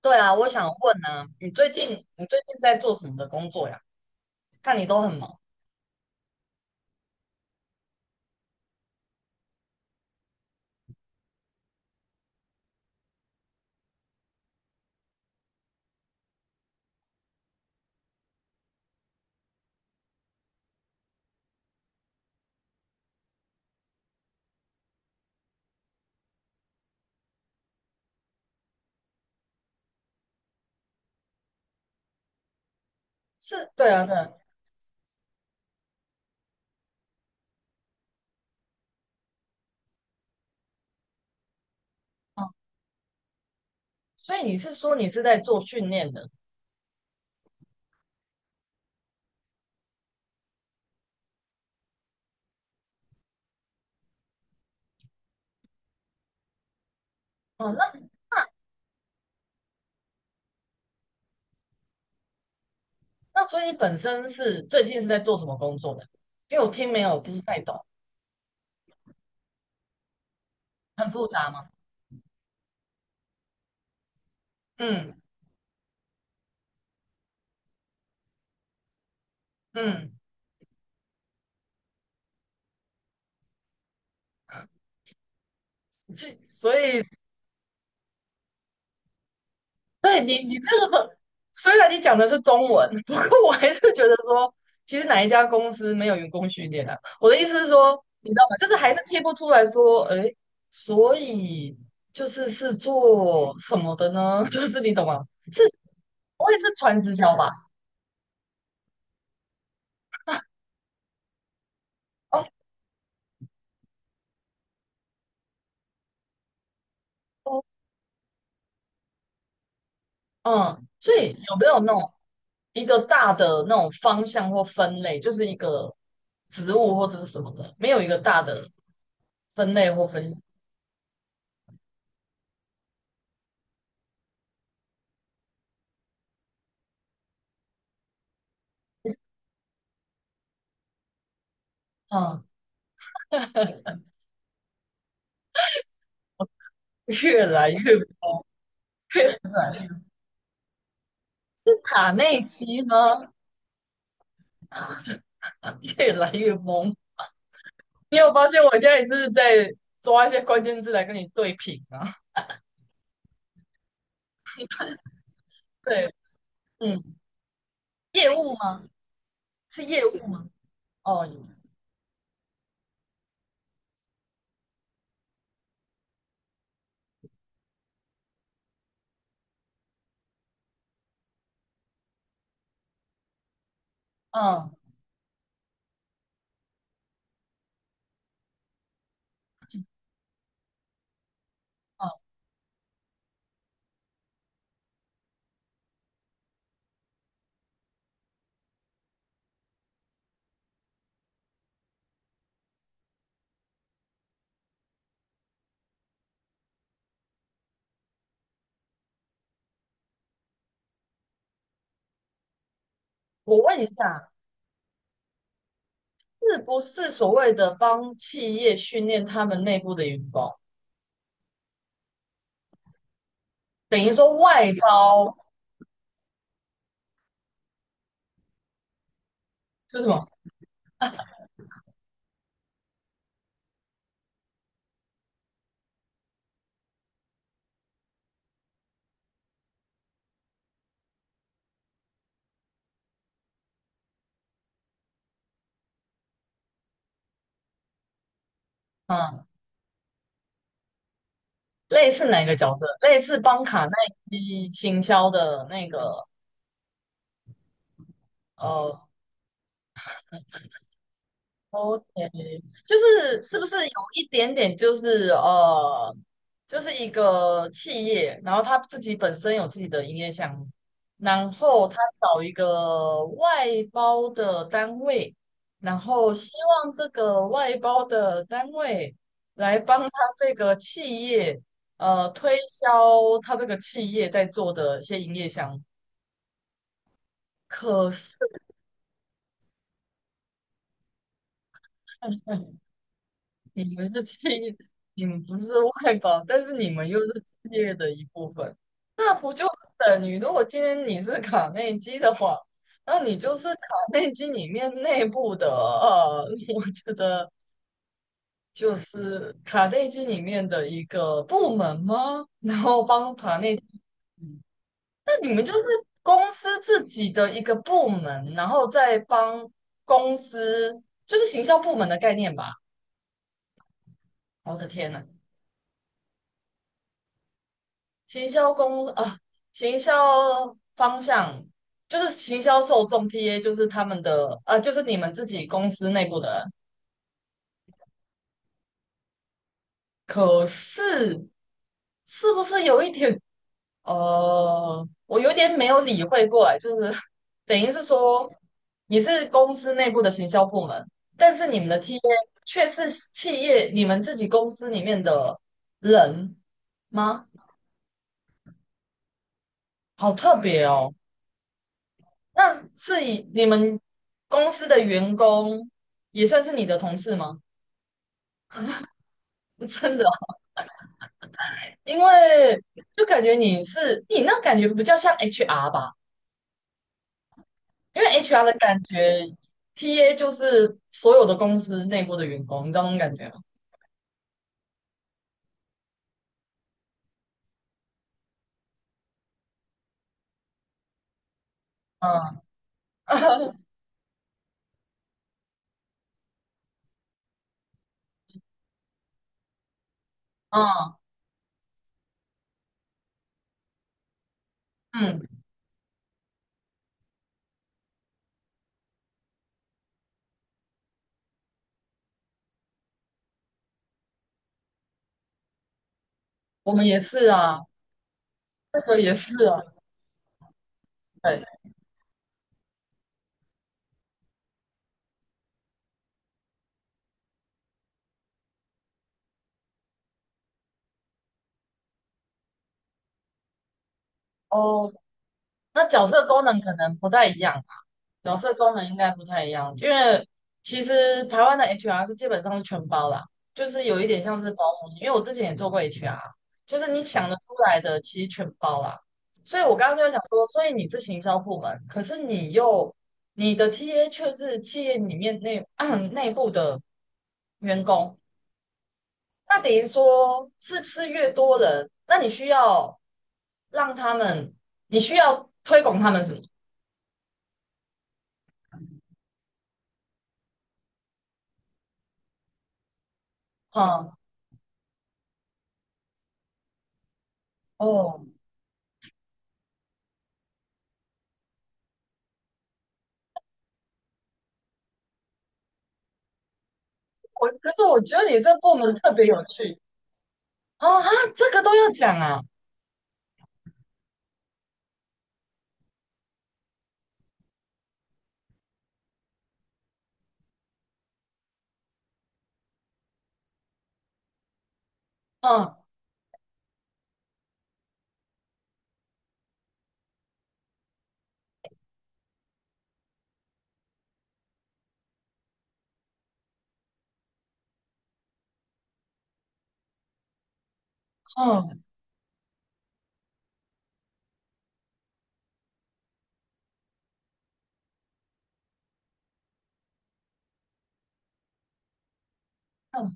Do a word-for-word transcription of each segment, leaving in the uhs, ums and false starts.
对啊，我想问呢、你最近你最近是在做什么的工作呀？看你都很忙。是。对啊，对啊。哦，所以你是说你是在做训练的？哦，那那所以你本身是最近是在做什么工作的？因为我听没有不是太懂。很复杂吗？嗯嗯。是，所以对你，你这个，虽然你讲的是中文，不过我还是觉得说，其实哪一家公司没有员工训练啊？我的意思是说，你知道吗？就是还是贴不出来说，哎，所以就是是做什么的呢？就是你懂吗？是。不会是传直销吧？哦哦。嗯，所以有没有那种一个大的那种方向或分类，就是一个职务或者是什么的，没有一个大的分类或分，嗯，越来越。卡内基吗？越来越懵。你有发现我现在也是在抓一些关键字来跟你对平啊？对。嗯，业务吗？是业务吗？哦，嗯嗯。我问一下，是不是所谓的帮企业训练他们内部的员工，等于说外包是什么？嗯，类似哪个角色？类似帮卡耐基行销的那个呃 OK，就是是不是有一点点就是呃，就是一个企业，然后他自己本身有自己的营业项目，然后他找一个外包的单位，然后希望这个外包的单位来帮他这个企业呃推销他这个企业在做的一些营业项目。可。你们是企业，你们不是外包，但是你们又是企业的一部分，那不就是等于，如果今天你是卡内基的话，那你就是卡内基里面内部的，呃，我觉得就是卡内基里面的一个部门吗？然后帮卡内基，那你们就是公司自己的一个部门，然后再帮公司，就是行销部门的概念吧？我的天呐！行销公啊，行销方向就是行销受众 T A，就是他们的呃，就是你们自己公司内部的人。可是是不是有一点呃，我有点没有理会过来，就是等于是说你是公司内部的行销部门，但是你们的 T A 却是企业你们自己公司里面的人吗？好特别哦。那是以你们公司的员工也算是你的同事吗？真的哦。因为就感觉你是你那感觉比较像 H R 吧，因为 H R 的感觉，T A 就是所有的公司内部的员工，你知道那种感觉吗？嗯 嗯嗯。我们也是啊，这个也是啊，对哦，那角色功能可能不太一样，角色功能应该不太一样，因为其实台湾的 H R 是基本上是全包啦，就是有一点像是保姆，因为我之前也做过 H R，就是你想得出来的其实全包啦。所以我刚刚就在想说，所以你是行销部门，可是你又你的 T A 却是企业里面内 内部的员工。那等于说是不是越多人，那你需要让他们，你需要推广他们什么？哈。哦，我可是我觉得你这部门特别有趣。哦啊，这个都要讲啊，嗯嗯嗯，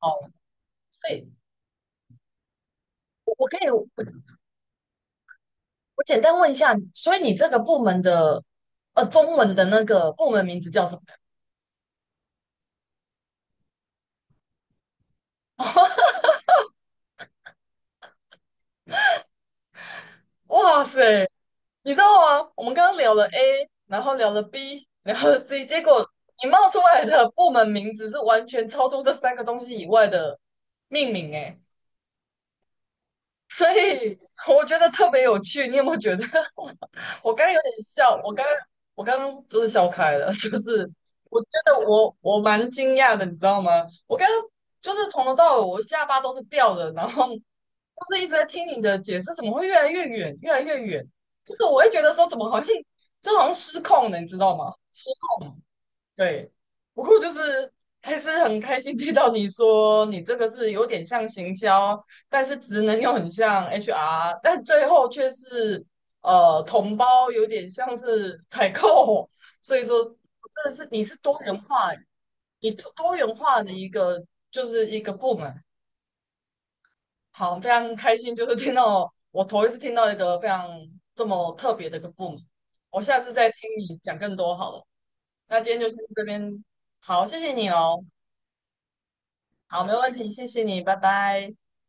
哦，所以我我可以我我简单问一下，所以你这个部门的呃中文的那个部门名字叫什么？哇塞，你知道吗？我们刚刚聊了 A，然后聊了 B，然后 C，结果你冒出来的部门名字是完全超出这三个东西以外的命名诶，所以我觉得特别有趣，你有没有觉得？我刚刚有点笑，我刚刚我刚刚就是笑开了，就是我觉得我我蛮惊讶的，你知道吗？我刚刚就是从头到尾我下巴都是掉的，然后就是一直在听你的解释，怎么会越来越远，越来越远？就是我会觉得说怎么好像就好像失控了，你知道吗？失控。对，不过就是还是很开心听到你说你这个是有点像行销，但是职能又很像 H R，但最后却是呃同胞有点像是采购，所以说真的是你是多元化，你多多元化的一个就是一个部门。好，非常开心，就是听到我头一次听到一个非常这么特别的一个部门，我下次再听你讲更多好了。那今天就先这边，好，谢谢你哦。好，没问题，谢谢你，拜拜。